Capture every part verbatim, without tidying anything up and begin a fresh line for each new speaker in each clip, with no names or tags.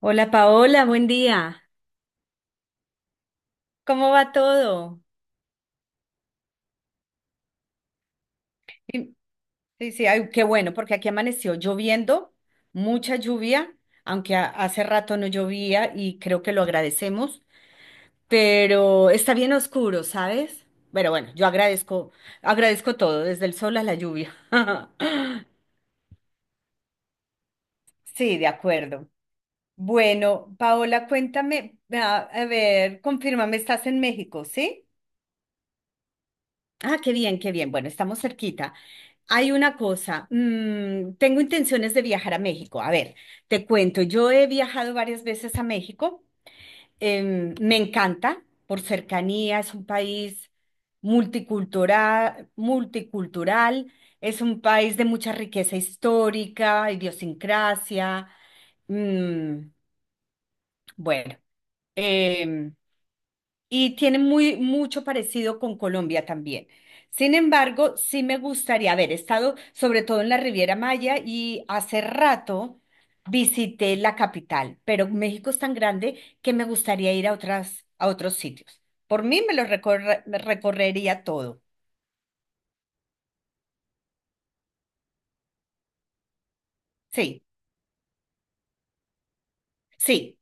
Hola Paola, buen día. ¿Cómo va todo? Y- Sí, sí, ay, qué bueno, porque aquí amaneció lloviendo, mucha lluvia, aunque ha- hace rato no llovía y creo que lo agradecemos, pero está bien oscuro, ¿sabes? Pero bueno, yo agradezco, agradezco todo, desde el sol a la lluvia. Sí, de acuerdo. Bueno, Paola, cuéntame, a, a ver, confírmame, estás en México, ¿sí? Ah, qué bien, qué bien. Bueno, estamos cerquita. Hay una cosa, mm, tengo intenciones de viajar a México. A ver, te cuento, yo he viajado varias veces a México. Em, me encanta por cercanía, es un país multicultural, multicultural, es un país de mucha riqueza histórica, idiosincrasia. mm, bueno, em, y tiene muy, mucho parecido con Colombia también. Sin embargo, sí me gustaría haber estado sobre todo en la Riviera Maya y hace rato visité la capital, pero México es tan grande que me gustaría ir a otras, a otros sitios. Por mí me lo recorre- me recorrería todo. Sí, sí.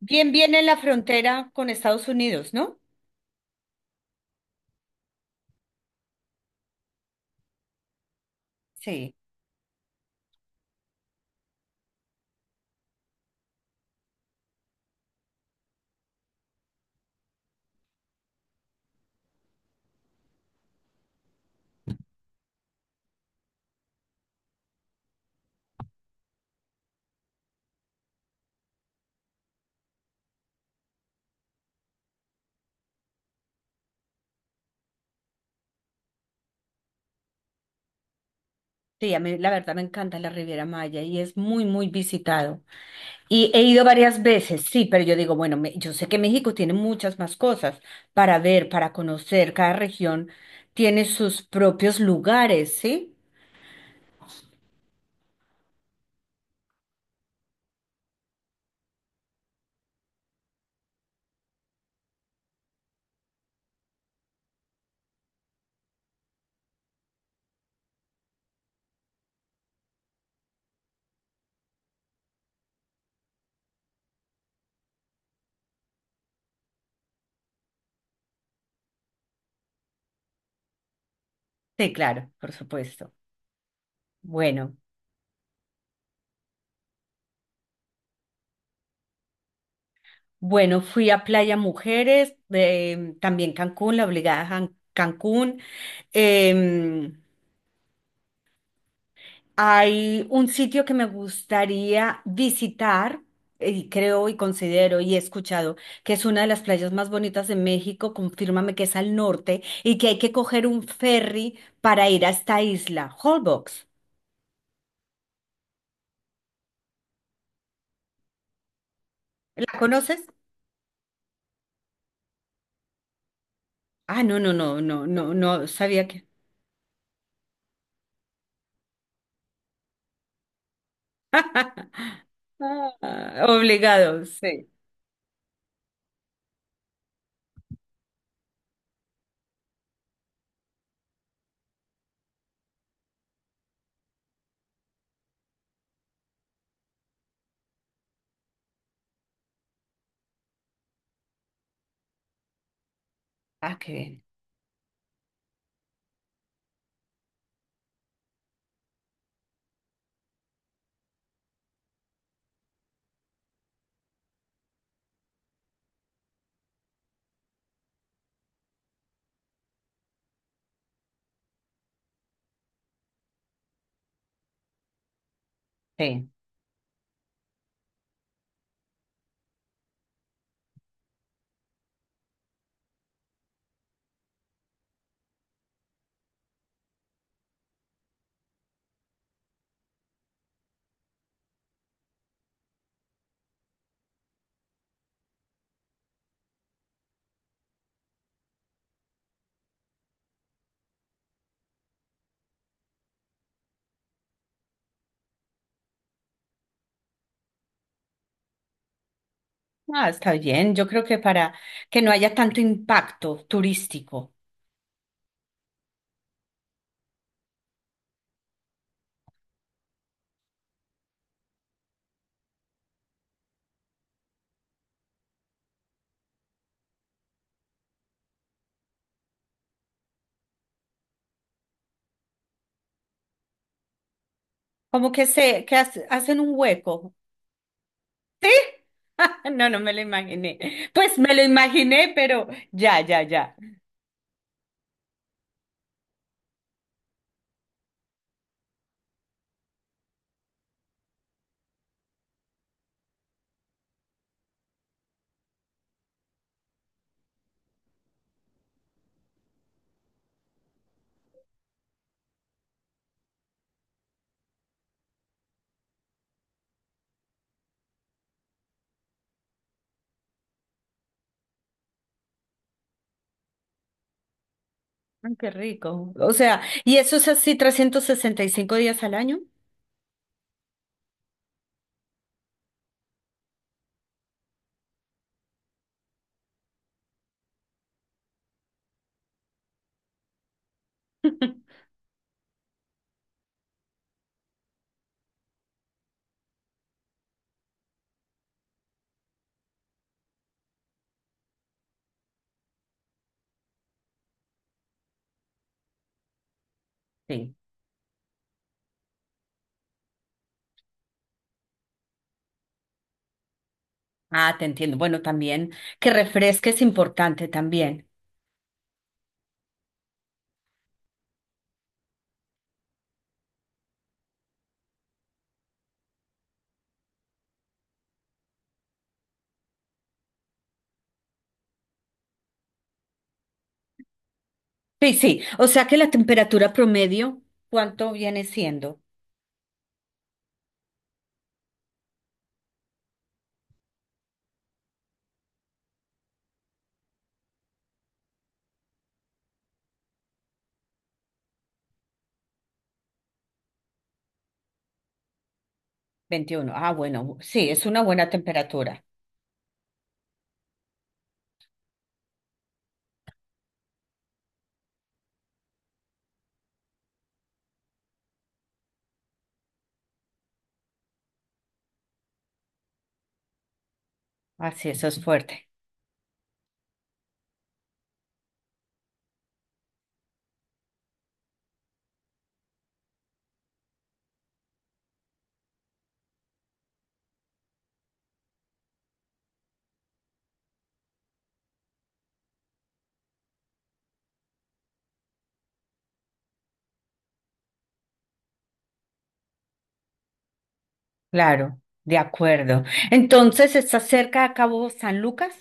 Bien, bien en la frontera con Estados Unidos, ¿no? Sí, sí, a mí la verdad me encanta la Riviera Maya y es muy, muy visitado. Y he ido varias veces, sí, pero yo digo, bueno, me- yo sé que México tiene muchas más cosas para ver, para conocer, cada región tiene sus propios lugares, ¿sí? Sí, claro, por supuesto. Bueno, bueno, fui a Playa Mujeres, eh, también Cancún, la obligada a Jan- Cancún. em, Hay un sitio que me gustaría visitar, y creo y considero y he escuchado que es una de las playas más bonitas de México, confírmame que es al norte y que hay que coger un ferry para ir a esta isla, Holbox. ¿La conoces? Ah, no, no, no, no, no, no sabía que. Ah, obligado, sí. Ah, qué bien. Sí. Ah, está bien. Yo creo que para que no haya tanto impacto turístico, como que se que hace- hacen un hueco. ¿Sí? No, no me lo imaginé. Pues me lo imaginé, pero ya, ya, ya. Ah, qué rico. O sea, ¿y eso es así trescientos sesenta y cinco días al año? Sí. Ah, te entiendo. Bueno, también que refresque es importante también. Sí, sí. O sea que la temperatura promedio, ¿cuánto viene siendo? Veintiuno. Ah, bueno, sí, es una buena temperatura. Así, eso es fuerte. Claro, de acuerdo. Entonces, ¿está cerca a Cabo San Lucas?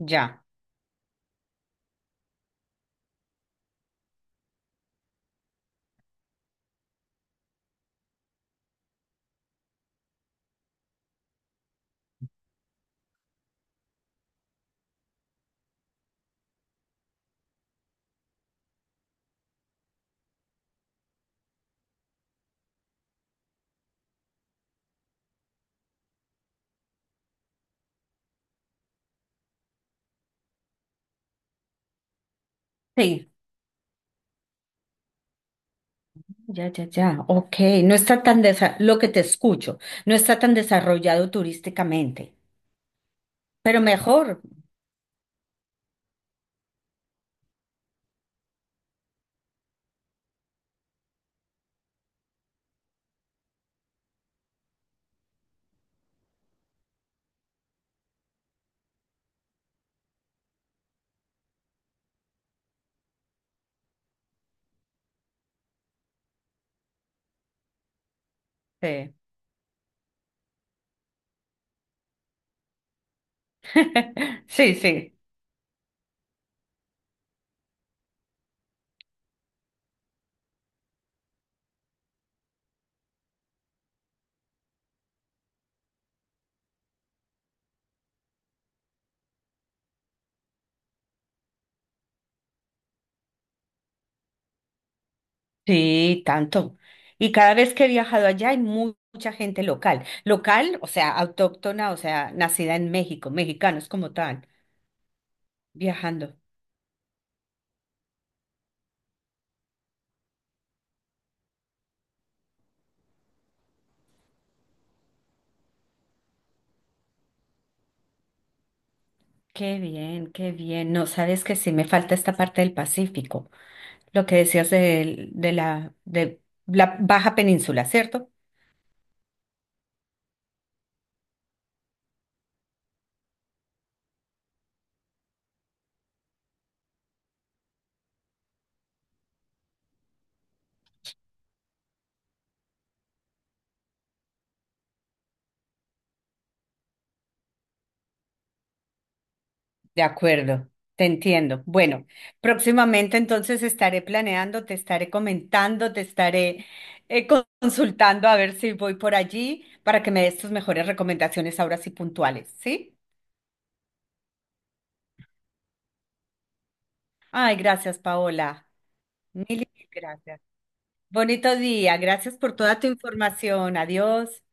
Ya. Sí. Ya, ya, ya. Ok, no está tan desa- lo que te escucho, no está tan desarrollado turísticamente, pero mejor. Sí. Sí, sí, sí, tanto. Y cada vez que he viajado allá hay mu- mucha gente local. Local, o sea, autóctona, o sea, nacida en México, mexicanos como tal, viajando. Qué bien, qué bien. No, sabes que sí me falta esta parte del Pacífico, lo que decías del- de, la, de la baja península, ¿cierto? De acuerdo, te entiendo. Bueno, próximamente entonces estaré planeando, te estaré comentando, te estaré eh, co- consultando a ver si voy por allí para que me des tus mejores recomendaciones ahora sí puntuales, ¿sí? Ay, gracias, Paola. Mil y mil gracias. Bonito día, gracias por toda tu información. Adiós.